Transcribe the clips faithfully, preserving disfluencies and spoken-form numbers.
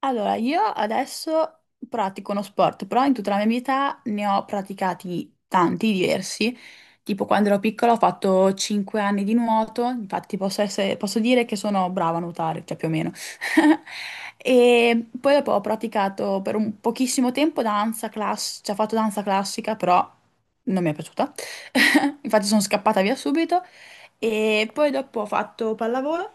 Allora, io adesso pratico uno sport, però in tutta la mia vita ne ho praticati tanti, diversi. Tipo quando ero piccola ho fatto cinque anni di nuoto, infatti posso essere- posso dire che sono brava a nuotare, cioè più o meno. E poi dopo ho praticato per un pochissimo tempo danza classica, cioè ho fatto danza classica, però non mi è piaciuta. Infatti sono scappata via subito. E poi dopo ho fatto pallavolo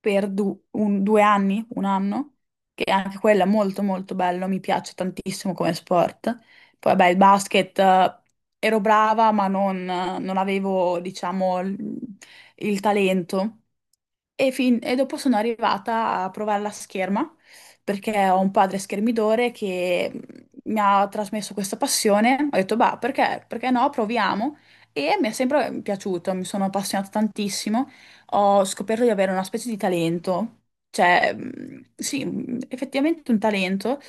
per du- un- due anni, un anno, che anche quella è molto molto bello, mi piace tantissimo come sport. Poi vabbè, il basket eh, ero brava, ma non, non avevo, diciamo, l- il talento. E, fin- e dopo sono arrivata a provare la scherma perché ho un padre schermidore che mhmm, mi ha trasmesso questa passione. Ho detto, bah, perché, perché no? Proviamo. E mi è sempre piaciuto, mi sono appassionata tantissimo. Ho scoperto di avere una specie di talento, cioè, mm, sì, mm, effettivamente un talento.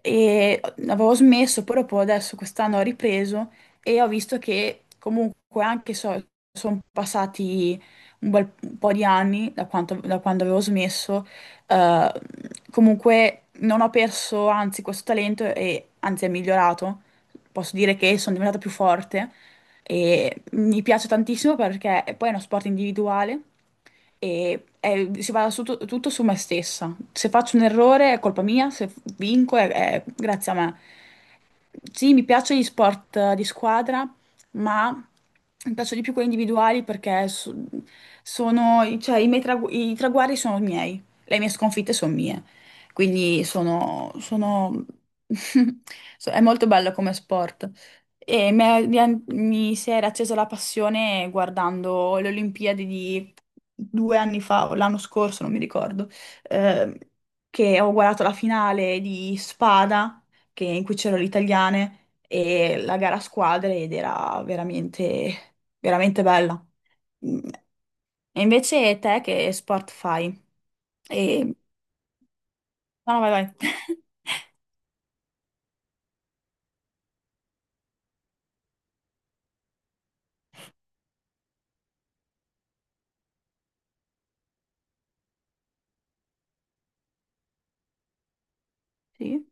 E avevo smesso, poi dopo adesso quest'anno ho ripreso e ho visto che comunque anche so, sono passati un bel po' di anni, da quanto- da quando avevo smesso, eh, comunque non ho perso, anzi, questo talento e anzi è migliorato. Posso dire che sono diventata più forte e mi piace tantissimo perché poi è uno sport individuale e è- si basa su tu- tutto su me stessa. Se faccio un errore è colpa mia, se vinco è è grazie a me. Sì, mi piacciono gli sport eh, di squadra, ma mi piacciono di più quelli individuali perché so- sono, cioè, i miei tragu- i traguardi sono miei, le mie sconfitte sono mie, quindi sono, sono- so- è molto bello come sport. E me- mi, mi si era accesa la passione guardando le Olimpiadi di due anni fa o l'anno scorso, non mi ricordo, ehm, che ho guardato la finale di Spada, che- in cui c'erano le italiane e la gara a squadre ed era veramente, veramente bella. Mm. E invece te che sport fai? E. No, no, vai, vai. Sì.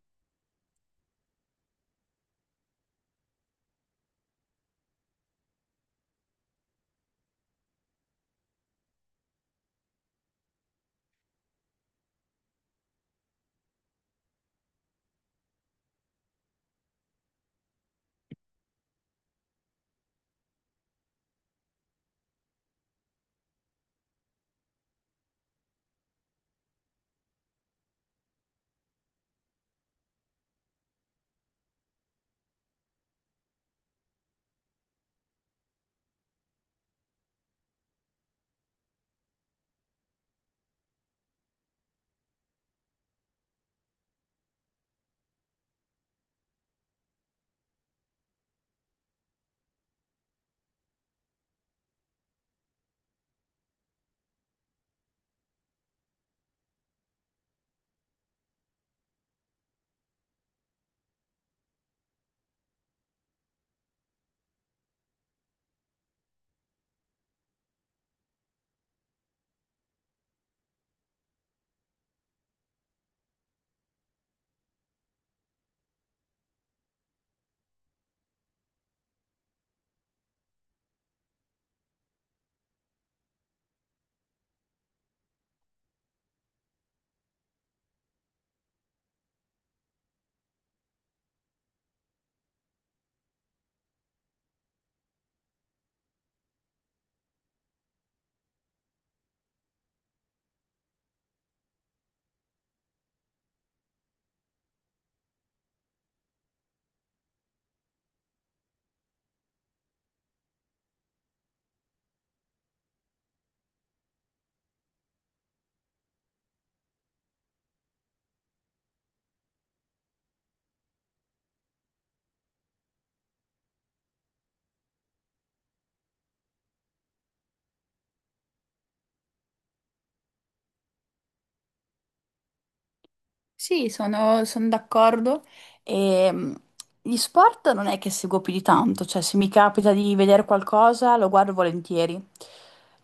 Sì, sono, sono d'accordo. E, mh, gli sport non è che seguo più di tanto, cioè se mi capita di vedere qualcosa lo guardo volentieri.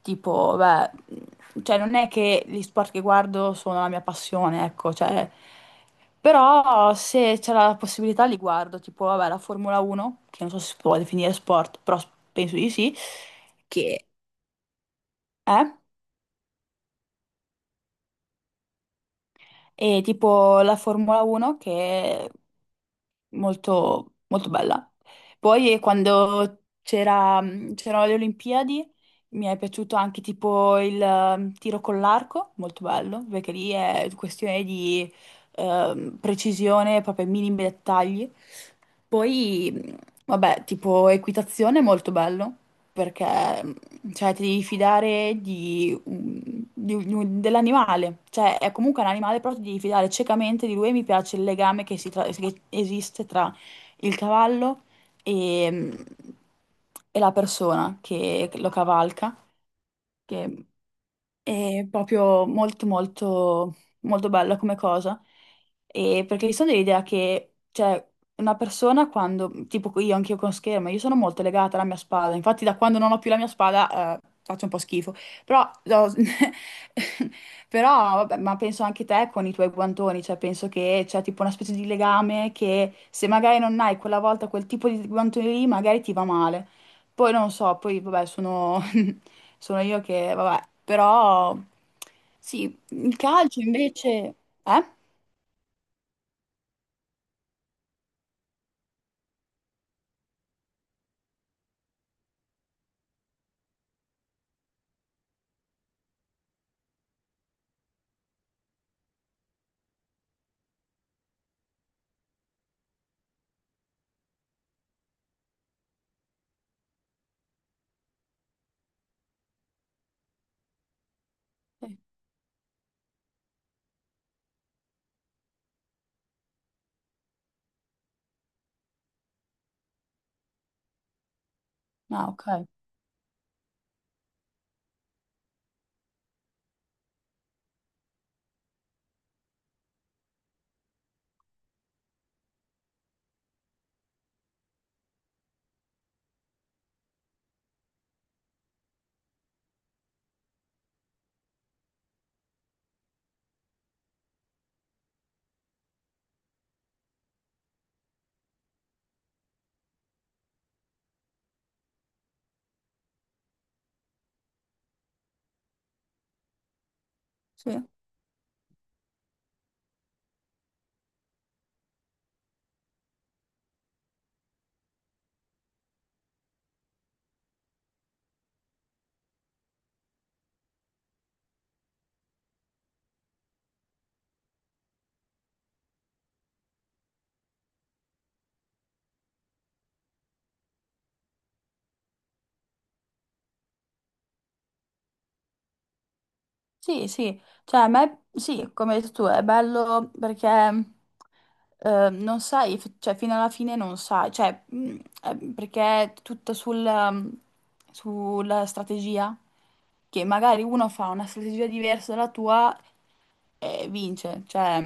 Tipo, beh, mh, cioè non è che gli sport che guardo sono la mia passione, ecco, cioè, però se c'è la possibilità li guardo, tipo, vabbè, la Formula uno, che non so se si può definire sport, però s- penso di sì, che è, e tipo la Formula uno che molto, molto bella. Poi eh, quando c'era, mh, c'erano le Olimpiadi, mi è piaciuto anche tipo il ehm, tiro con l'arco, molto bello, perché lì è questione di ehm, precisione, proprio ai minimi dettagli. Poi, mh, vabbè, tipo equitazione, molto bello perché mh, cioè, ti devi fidare di, un- di un- di un- dell'animale, cioè è comunque un animale, però ti devi fidare ciecamente di lui e mi piace il legame che, si tra- che esiste tra il cavallo e, mh, e la persona che lo cavalca, che è proprio molto molto molto bella come cosa, e perché sono dell'idea che cioè, una persona quando, tipo io, anch'io con schermo, io sono molto legata alla mia spada, infatti da quando non ho più la mia spada eh, faccio un po' schifo, però, no, però vabbè, ma penso anche te con i tuoi guantoni, cioè penso che c'è tipo una specie di legame che se magari non hai quella volta quel tipo di guantoni lì magari ti va male, poi non so, poi vabbè sono, sono io che vabbè, però sì, il calcio invece. Eh? Sì. Ah, ok. Sì. Sì, sì, cioè a me sì, come hai detto tu, è bello perché eh, non sai, f- cioè fino alla fine non sai, cioè mm, eh, perché è tutto sul, mm, sulla strategia, che magari uno fa una strategia diversa dalla tua e vince, cioè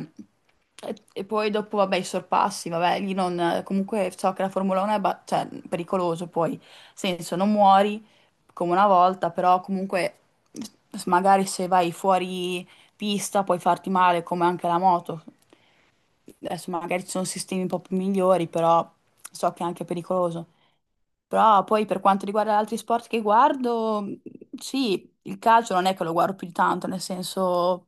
e, e poi dopo vabbè i sorpassi, vabbè lì non, comunque so che la Formula uno è ba- cioè, pericoloso poi, nel senso non muori come una volta, però comunque s- magari se vai fuori pista puoi farti male come anche la moto. Adesso magari ci sono sistemi un po' più migliori, però so che è anche pericoloso. Però poi per quanto riguarda gli altri sport che guardo, mh, sì, il calcio non è che lo guardo più di tanto, nel senso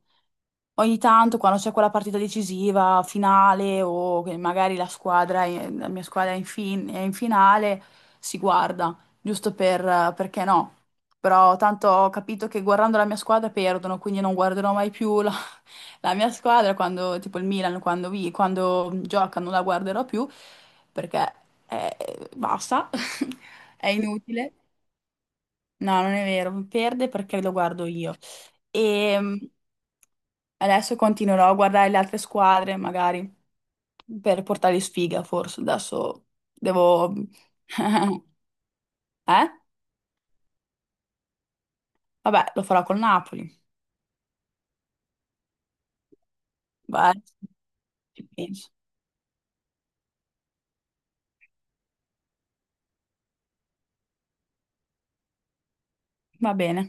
ogni tanto quando c'è quella partita decisiva, finale o che magari la squadra, è- la mia squadra è in, fin- è in finale, si guarda, giusto per, eh, perché no. Però tanto ho capito che guardando la mia squadra perdono, quindi non guarderò mai più la, la mia squadra quando, tipo il Milan, quando, vi- quando gioca non la guarderò più perché eh, basta, è inutile. No, non è vero, perde perché lo guardo io. E mm, adesso continuerò a guardare le altre squadre, magari per portargli sfiga, forse. Adesso devo. Eh? Vabbè, lo farò col Napoli. Vai, ci penso. Va bene.